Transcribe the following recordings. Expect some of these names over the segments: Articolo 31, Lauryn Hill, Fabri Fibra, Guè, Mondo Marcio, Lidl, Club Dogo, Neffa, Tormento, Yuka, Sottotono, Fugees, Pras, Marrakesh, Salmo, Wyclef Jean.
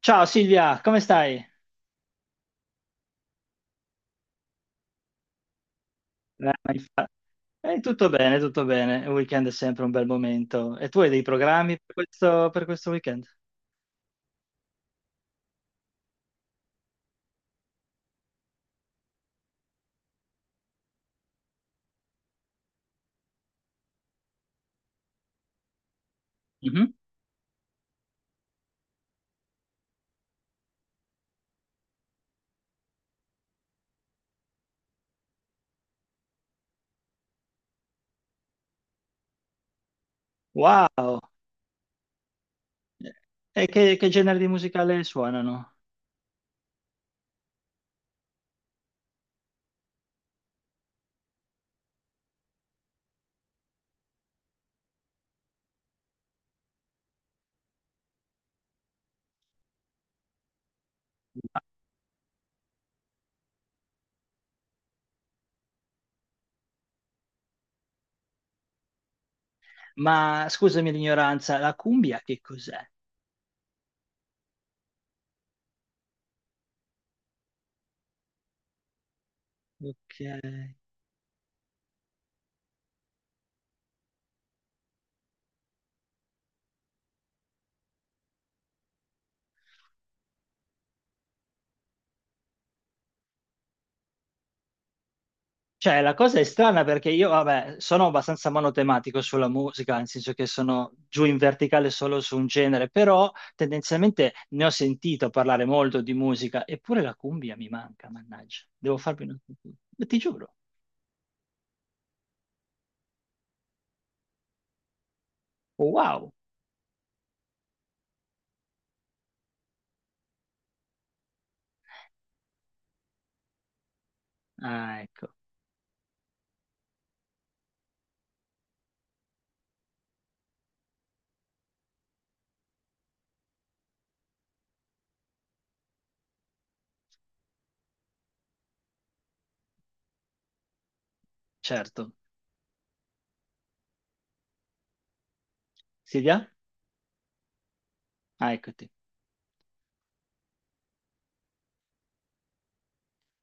Ciao Silvia, come stai? Eh, mi fa- Tutto bene, tutto bene. Il weekend è sempre un bel momento. E tu hai dei programmi per questo weekend? Mhm. Wow! E che genere di musicale suonano? Ma scusami l'ignoranza, la cumbia che cos'è? Ok. Cioè, la cosa è strana perché io, vabbè, sono abbastanza monotematico sulla musica, nel senso che sono giù in verticale solo su un genere, però tendenzialmente ne ho sentito parlare molto di musica, eppure la cumbia mi manca, mannaggia. Devo farmi una... Ti giuro. Wow. Ah, ecco, certo. Silvia? Ah, eccoti.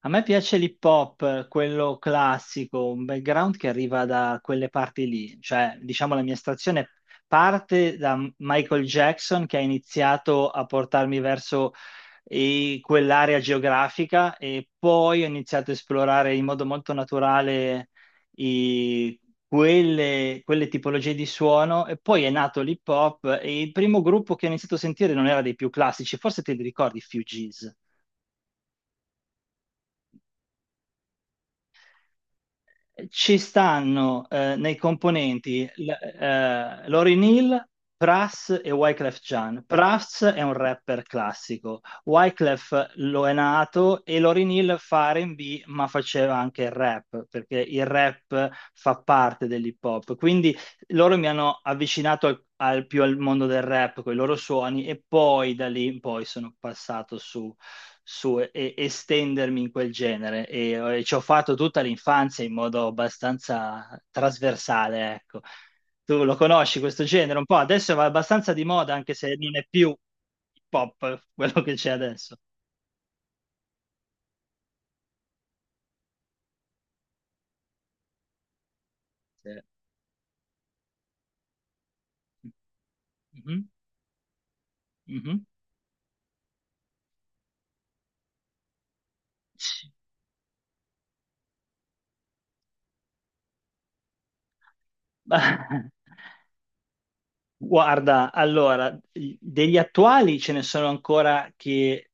A me piace l'hip hop, quello classico, un background che arriva da quelle parti lì, cioè diciamo la mia stazione parte da Michael Jackson che ha iniziato a portarmi verso quell'area geografica e poi ho iniziato a esplorare in modo molto naturale i- quelle tipologie di suono e poi è nato l'hip hop e il primo gruppo che ho iniziato a sentire non era dei più classici, forse te li ricordi, Fugees. Ci stanno nei componenti Lauryn Hill, Pras e Wyclef Jean. Pras è un rapper classico, Wyclef lo è nato e Lauryn Hill fa R&B ma faceva anche il rap, perché il rap fa parte dell'hip hop. Quindi loro mi hanno avvicinato più al mondo del rap con i loro suoni e poi da lì in poi sono passato su, su e- estendermi in quel genere e ci ho fatto tutta l'infanzia in modo abbastanza trasversale, ecco. Tu lo conosci questo genere un po'? Adesso va abbastanza di moda anche se non è più hip hop quello che c'è adesso. Sì. Mhm, mhm. Ma- Guarda, allora, degli attuali ce ne sono ancora che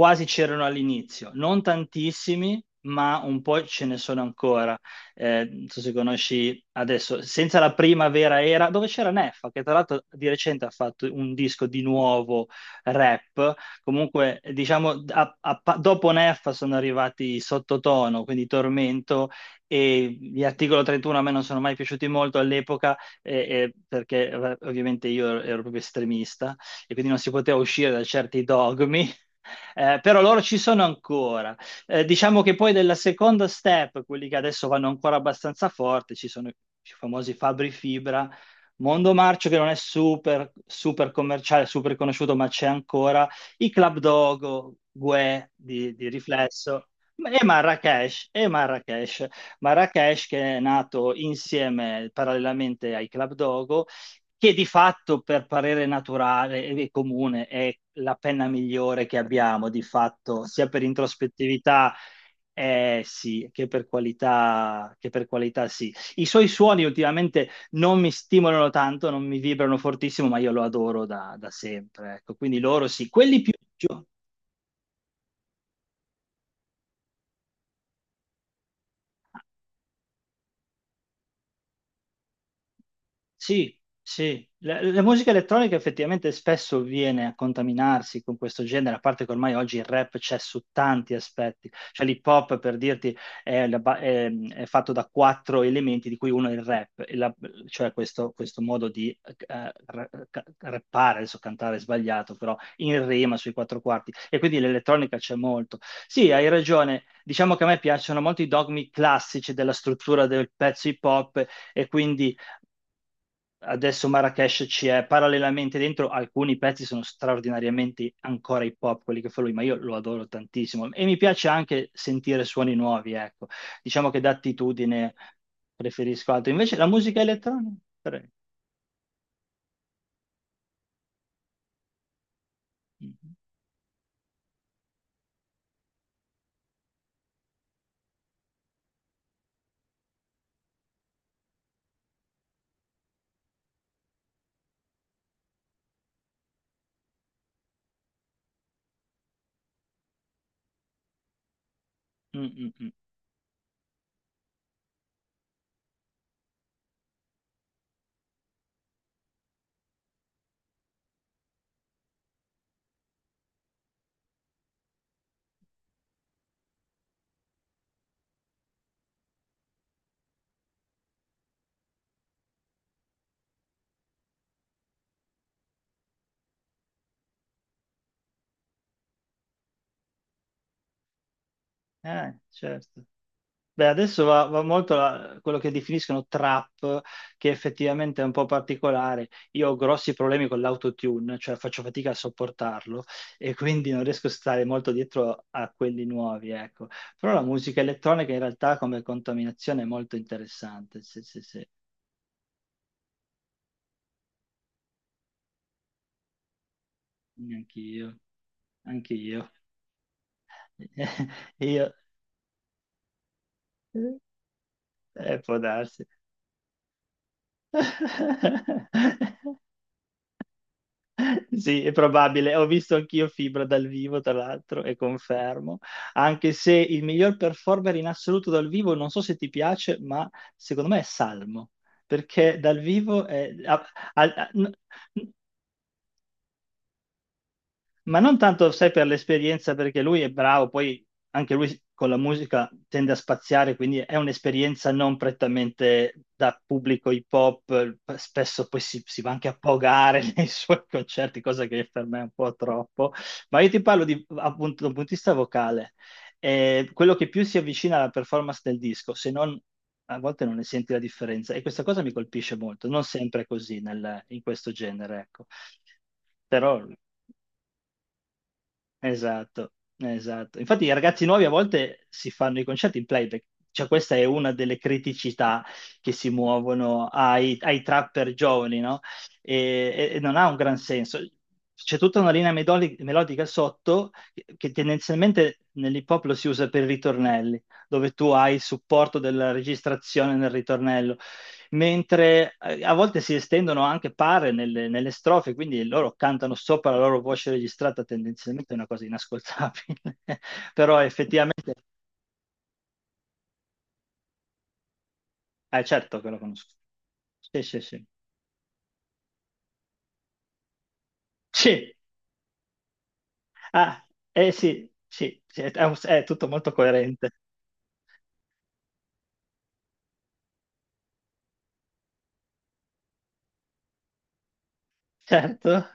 quasi c'erano all'inizio, non tantissimi, ma un po' ce ne sono ancora. Non so se conosci adesso, senza la primavera era, dove c'era Neffa, che tra l'altro di recente ha fatto un disco di nuovo rap. Comunque, diciamo, dopo Neffa sono arrivati Sottotono, quindi Tormento, e gli Articolo 31 a me non sono mai piaciuti molto all'epoca, eh, perché ovviamente io ero proprio estremista, e quindi non si poteva uscire da certi dogmi, però loro ci sono ancora. Diciamo che poi della seconda step, quelli che adesso vanno ancora abbastanza forte, ci sono i famosi Fabri Fibra, Mondo Marcio che non è super commerciale, super conosciuto, ma c'è ancora, i Club Dogo, Guè di riflesso. E Marrakesh, Marrakesh che è nato insieme parallelamente ai Club Dogo, che di fatto per parere naturale e comune è la penna migliore che abbiamo, di fatto, sia per introspettività sì, che per qualità sì. I suoi suoni ultimamente non mi stimolano tanto, non mi vibrano fortissimo, ma io lo adoro da sempre. Ecco, quindi loro sì, quelli più... Sì, sì, la musica elettronica effettivamente spesso viene a contaminarsi con questo genere, a parte che ormai oggi il rap c'è su tanti aspetti, cioè l'hip hop per dirti è, è fatto da quattro elementi di cui uno è il rap, cioè questo modo di rappare, adesso cantare è sbagliato, però in rima sui quattro quarti e quindi l'elettronica c'è molto. Sì, hai ragione, diciamo che a me piacciono molto i dogmi classici della struttura del pezzo hip hop, e quindi adesso Marrakesh ci è parallelamente dentro, alcuni pezzi sono straordinariamente ancora hip hop, quelli che fa lui, ma io lo adoro tantissimo e mi piace anche sentire suoni nuovi, ecco. Diciamo che d'attitudine preferisco altro. Invece la musica elettronica, pre-... Mm, mm, mm. Certo. Beh, adesso va molto quello che definiscono trap, che effettivamente è un po' particolare. Io ho grossi problemi con l'autotune, cioè faccio fatica a sopportarlo e quindi non riesco a stare molto dietro a quelli nuovi, ecco. Però la musica elettronica in realtà come contaminazione è molto interessante. Sì, sì, sì, anch'io, anch'io. Io, può darsi. Sì, è probabile. Ho visto anch'io Fibra dal vivo, tra l'altro, e confermo. Anche se il miglior performer in assoluto dal vivo, non so se ti piace, ma secondo me è Salmo, perché dal vivo è... ha- ha- n- ma non tanto, sai, per l'esperienza, perché lui è bravo, poi anche lui con la musica tende a spaziare, quindi è un'esperienza non prettamente da pubblico hip hop, spesso poi si va anche a pogare nei suoi concerti, cosa che per me è un po' troppo, ma io ti parlo di, appunto da un punto di vista vocale, eh, quello che più si avvicina alla performance del disco, se non a volte non ne senti la differenza e questa cosa mi colpisce molto, non sempre è così in questo genere, ecco. Però... Esatto, esatto. Infatti i ragazzi nuovi a volte si fanno i concerti in playback, cioè questa è una delle criticità che si muovono ai trapper giovani, no? E, e non ha un gran senso. C'è tutta una linea melodica sotto che tendenzialmente nell'hip hop lo si usa per i ritornelli, dove tu hai il supporto della registrazione nel ritornello mentre a volte si estendono anche pare nelle strofe, quindi loro cantano sopra la loro voce registrata, tendenzialmente è una cosa inascoltabile, però effettivamente, certo che lo conosco. Sì, sì, sì. Sì, ah, eh sì, sì, sì, è, è tutto molto coerente, certo.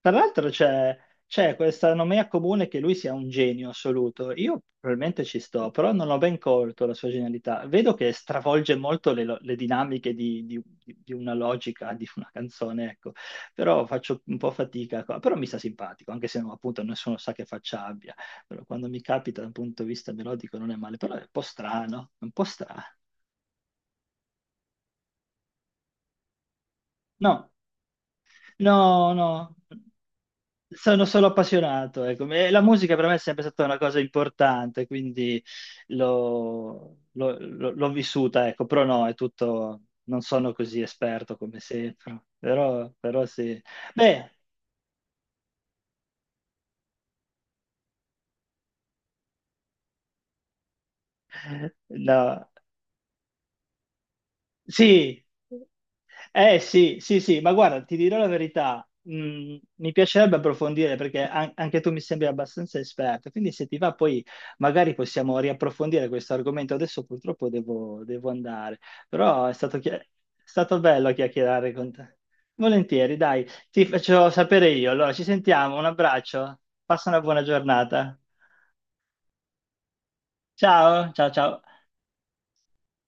Tra l'altro c'è questa nomea comune che lui sia un genio assoluto. Io probabilmente ci sto, però non ho ben colto la sua genialità. Vedo che stravolge molto le dinamiche di una logica, di una canzone, ecco. Però faccio un po' fatica qua. Però mi sta simpatico, anche se no, appunto nessuno sa che faccia abbia. Però quando mi capita da un punto di vista melodico non è male, però è un po' strano, è un po' strano. No, no, no. Sono solo appassionato, ecco. E la musica per me è sempre stata una cosa importante, quindi l'ho vissuta, ecco. Però no, è tutto, non sono così esperto come sembro, però, però sì. Beh, no, sì, eh sì, sì, sì, ma guarda, ti dirò la verità, mi piacerebbe approfondire perché anche tu mi sembri abbastanza esperto, quindi se ti va poi magari possiamo riapprofondire questo argomento. Adesso purtroppo devo andare, però è stato, è stato bello chiacchierare con te. Volentieri, dai, ti faccio sapere io. Allora, ci sentiamo, un abbraccio, passa una buona giornata. Ciao, ciao, ciao.